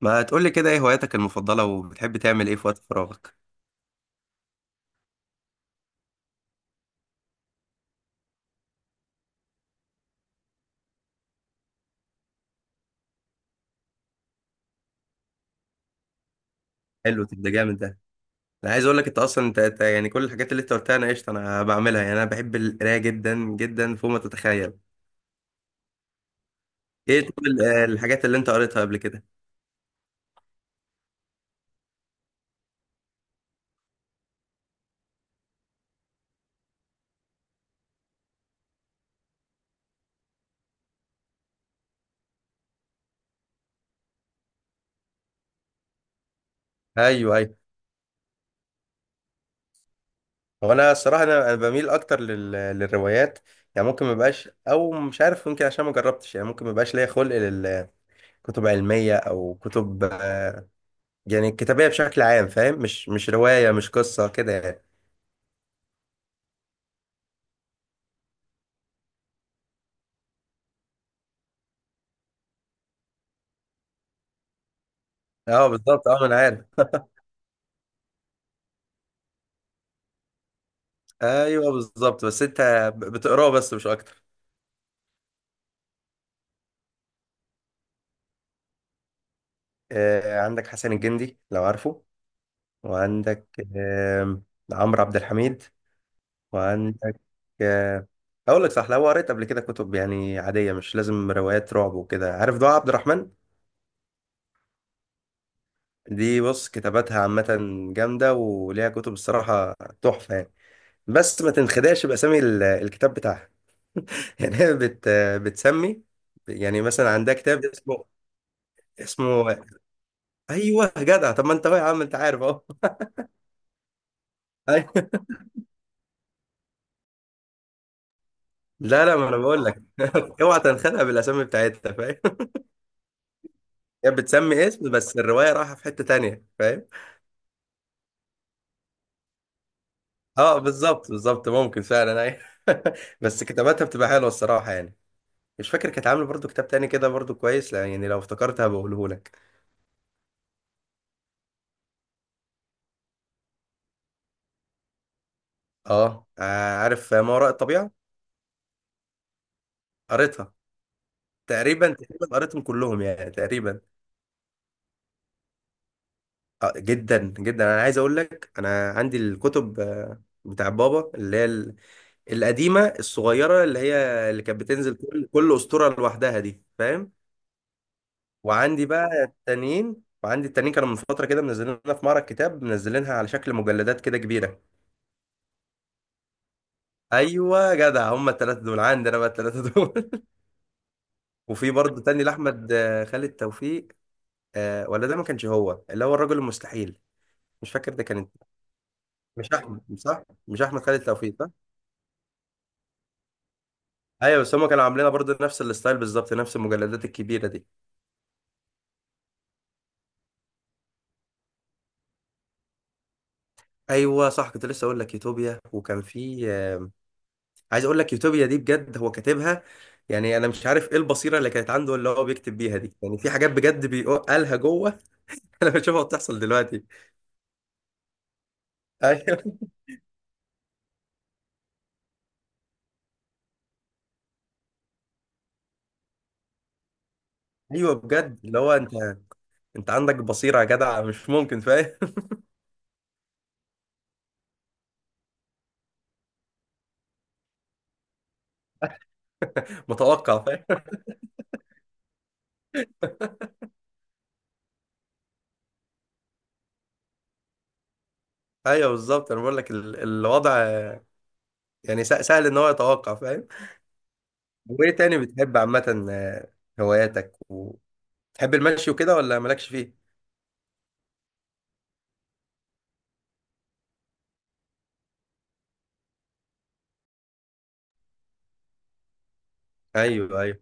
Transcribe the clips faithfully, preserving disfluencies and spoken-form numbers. ما تقولي كده، ايه هواياتك المفضلة وبتحب تعمل ايه في وقت فراغك؟ حلو. طب ده جامد ده. انا عايز اقول لك، انت اصلا انت أنت يعني كل الحاجات اللي انت قلتها انا قشطة انا بعملها. يعني انا بحب القراية جدا جدا فوق ما تتخيل. ايه؟ طب ال- الحاجات اللي انت قريتها قبل كده؟ ايوه ايوه. هو انا الصراحة انا أنا بميل اكتر لل... للروايات. يعني ممكن ما بقاش، او مش عارف، يمكن عشان ما جربتش، يعني ممكن ما بقاش ليا خلق للكتب علمية او كتب، يعني الكتابية بشكل عام. فاهم؟ مش مش رواية، مش قصة كده يعني. اه بالظبط، اه ما انا عارف. ايوه بالظبط، بس انت بتقراه بس مش اكتر. آه، عندك حسن الجندي لو عارفه، وعندك آم، عمرو عبد الحميد، وعندك آه، اقول لك صح، لو قريت قبل كده كتب يعني عاديه مش لازم روايات رعب وكده، عارف دعاء عبد الرحمن؟ دي بص كتاباتها عامه جامده، وليها كتب الصراحه تحفه يعني. بس ما تنخدعش باسامي ال- الكتاب بتاعها يعني هي بت بتسمي. يعني مثلا عندها كتاب اسمه اسمه. ايوه جدع، طب ما انت اهو يا عم، انت عارف اهو أيوة. لا لا، ما انا بقول لك اوعى تنخدع بالاسامي بتاعتها. فاهم؟ يعني بتسمي اسم بس الروايه رايحه في حته تانية. فاهم؟ اه بالظبط بالظبط، ممكن فعلا، ايوه. بس كتاباتها بتبقى حلوه الصراحه يعني. مش فاكر، كانت عامله برضو كتاب تاني كده برضو كويس، لا يعني لو افتكرتها بقوله لك. اه، آه، عارف ما وراء الطبيعه، قريتها. تقريبا تقريبا قريتهم كلهم يعني تقريبا. آه، جدا جدا، انا عايز اقول لك انا عندي الكتب، آه، بتاع بابا، اللي هي ال- القديمه الصغيره، اللي هي اللي كانت بتنزل كل كل اسطوره لوحدها دي. فاهم؟ وعندي بقى التانيين، وعندي التانيين كانوا من فتره كده منزلينها في معرض كتاب، منزلينها على شكل مجلدات كده كبيره. ايوه جدع، هم الثلاثه دول عندي انا بقى، الثلاثه دول. وفي برضه تاني لاحمد آه، خالد توفيق. آه، ولا ده ما كانش هو اللي هو الرجل المستحيل؟ مش فاكر ده كانت. مش احمد صح؟ مش احمد خالد توفيق؟ ايوه، بس هم كانوا عاملينها برضه نفس الستايل بالظبط، نفس المجلدات الكبيره دي. ايوه صح، كنت لسه اقول لك يوتوبيا، وكان في آه، عايز اقول لك، يوتوبيا دي بجد هو كاتبها، يعني انا مش عارف ايه البصيره اللي كانت عنده اللي هو بيكتب بيها دي، يعني في حاجات بجد بيقالها جوه، انا بشوفها بتحصل دلوقتي. ايوه ايوه، بجد اللي هو انت، انت عندك بصيره يا جدع، مش ممكن. فاهم؟ متوقع، فاهم. ايوه بالظبط، انا بقول لك ال- الوضع، آه، يعني سه- سهل ان هو يتوقع. فاهم؟ وايه تاني بتحب عامه؟ آه، هواياتك، تحب المشي وكده ولا مالكش فيه؟ ايوه ايوه.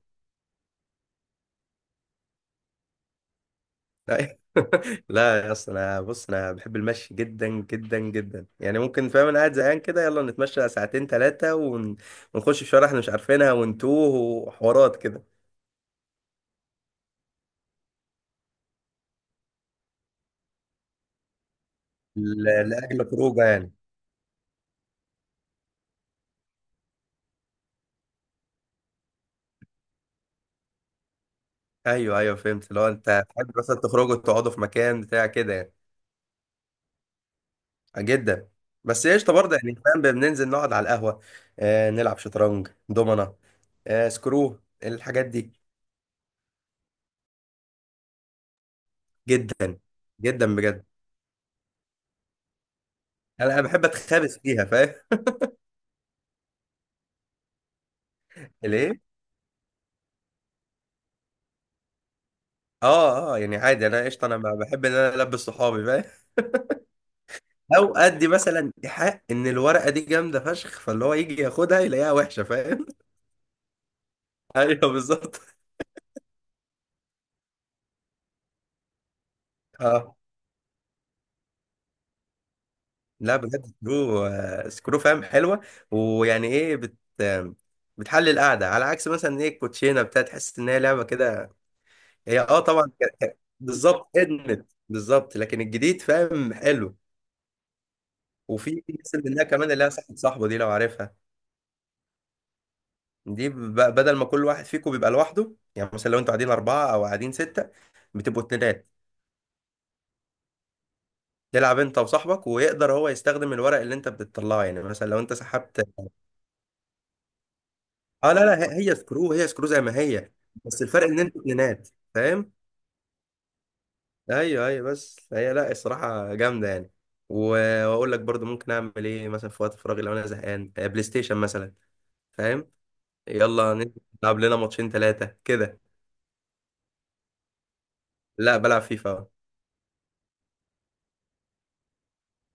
لا لا يا اسطى، انا بص انا بحب المشي جدا جدا جدا. يعني ممكن، فاهم، انا قاعد زهقان كده، يلا نتمشى ساعتين ثلاثه ونخش في شوارع احنا مش عارفينها ونتوه وحوارات كده. ل- لاجل خروجه يعني. ايوه ايوه فهمت، لو انت تحب مثلا تخرجوا تقعدوا في مكان بتاع كده يعني. آه، جدا. بس قشطه برضه يعني، فاهم، بننزل نقعد على القهوه، آه نلعب شطرنج، دومنه، آه سكرو، الحاجات دي. جدا. جدا بجد، انا بحب اتخابس فيها. فاهم؟ ليه؟ اه اه يعني عادي، انا قشطه، انا ب- بحب ان انا البس صحابي. فاهم؟ او ادي مثلا حق ان الورقه دي جامده فشخ، فاللي هو يجي ياخدها يلاقيها وحشه. فاهم؟ ايوه بالظبط. اه، لا بجد سكرو، آه، سكرو، فاهم، حلوه. ويعني ايه بت آم، بتحل القعده على عكس مثلا ايه الكوتشينه بتاع، تحس ان هي لعبه كده. هي اه طبعا، ك- ك- بالظبط ادمت، بالظبط، لكن الجديد فاهم حلو. وفي مثل منها كمان اللي هي صاحب صاحبه دي لو عارفها. دي ب- بدل ما كل واحد فيكم بيبقى لوحده، يعني مثلا لو انتوا قاعدين أربعة أو قاعدين ستة، بتبقوا اتنينات، تلعب انت وصاحبك، ويقدر هو يستخدم الورق اللي انت بتطلعه، يعني مثلا لو انت سحبت. اه لا لا، هي هي سكرو، هي سكرو زي ما هي، بس الفرق ان انتوا اتنينات. فاهم؟ ايوه ايوه، بس هي لا الصراحة جامدة يعني. و- واقول لك برضو، ممكن اعمل ايه مثلا في وقت فراغي لو انا زهقان؟ آه، بلاي ستيشن مثلا، فاهم. يلا نلعب لنا ماتشين ثلاثة كده. لا بلعب فيفا.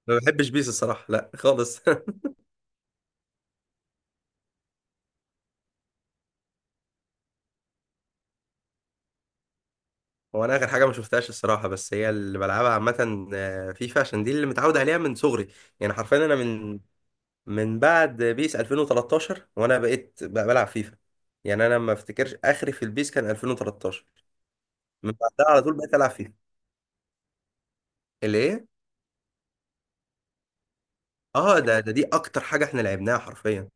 ما بحبش بيس الصراحة، لا خالص. هو انا اخر حاجه ما شفتهاش الصراحه، بس هي اللي بلعبها عامه آه، فيفا، عشان دي اللي متعود عليها من صغري. يعني حرفيا انا، من من بعد بيس ألفين وتلتاشر وانا بقيت بقى بلعب فيفا. يعني انا ما افتكرش اخري في البيس كان ألفين وتلتاشر. من بعدها على طول بقيت العب فيفا اللي ايه. اه ده ده دي اكتر حاجه احنا لعبناها حرفيا.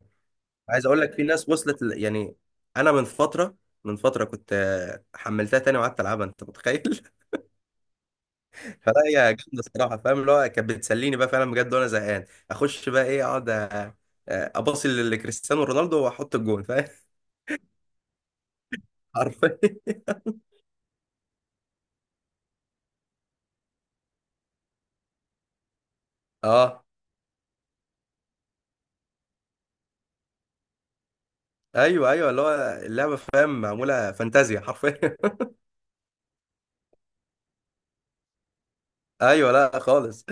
عايز اقول لك في ناس وصلت ل- يعني انا، من فتره من فتره كنت آه، حملتها تاني وقعدت العبها، انت متخيل؟ فلا هي جامده الصراحه، فاهم، اللي هو كانت بتسليني بقى فعلا بجد، وانا زهقان اخش بقى، ايه اقعد أ- اباصي لكريستيانو رونالدو واحط الجون. فاهم؟ حرفيا. اه ايوه ايوه، اللي هو اللعبه فاهم معموله فانتازيا حرفيا ايوه لا خالص.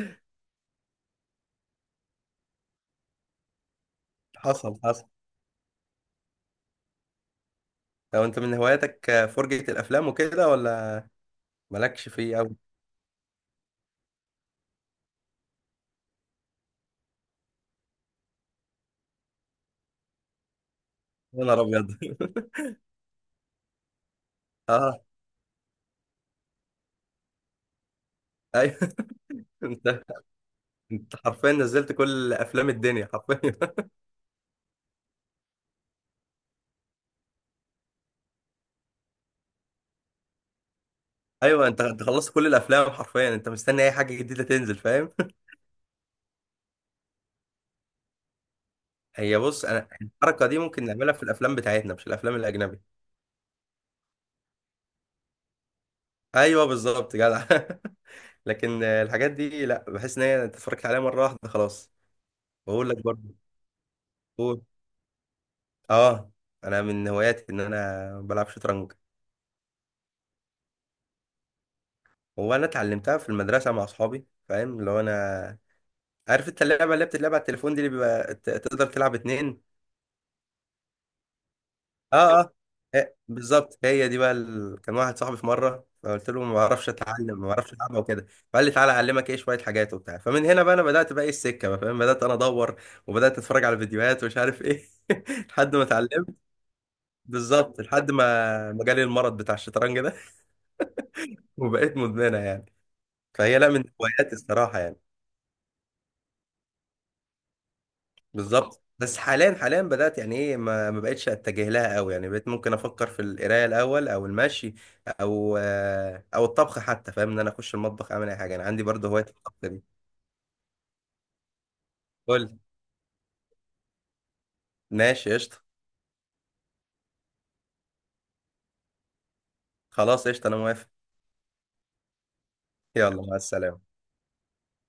حصل حصل. لو انت من هواياتك فرجة الافلام وكده، ولا مالكش فيه قوي؟ يا نهار ابيض اه ايوه انت انت حرفيا نزلت كل افلام الدنيا حرفيا ايوه انت انت خلصت كل الافلام حرفيا، انت مستني اي حاجه جديده تنزل. فاهم؟ هي بص، انا الحركه دي ممكن نعملها في الافلام بتاعتنا مش الافلام الاجنبي. ايوه بالظبط جدع لكن آه، الحاجات دي لا، بحس ان هي أنت اتفرجت عليها مره واحده خلاص. بقول لك برضه. قول. اه، انا من هواياتي ان انا بلعب شطرنج. هو انا اتعلمتها في المدرسه مع اصحابي. فاهم؟ اللي هو انا، عارف انت اللعبه اللي بتتلعب على التليفون دي، اللي بيبقى ت- تقدر تلعب اتنين؟ اه اه، إيه، بالظبط، هي دي بقى ال... كان واحد صاحبي في مره، فقلت له ما بعرفش اتعلم، ما بعرفش العبها وكده، فقال لي تعالى اعلمك ايه شويه حاجات وبتاع. فمن هنا بقى انا بدات بقى ايه السكه بقى، فاهم، بدات انا ادور وبدات اتفرج على فيديوهات ومش عارف ايه لحد ما اتعلمت. بالظبط، لحد ما ما جالي المرض بتاع الشطرنج ده وبقيت مدمنه يعني. فهي لا من هواياتي الصراحه يعني. بالظبط. بس حاليا حاليا بدأت يعني ايه، ما ما بقتش اتجه لها قوي، يعني بقيت ممكن افكر في القرايه الاول، او المشي، او آه، او الطبخ حتى. فاهم؟ ان انا اخش المطبخ اعمل اي حاجه. انا عندي برضه هوايه الطبخ دي. قول. ماشي قشطه. خلاص قشطه، انا موافق. يلا مع السلامه.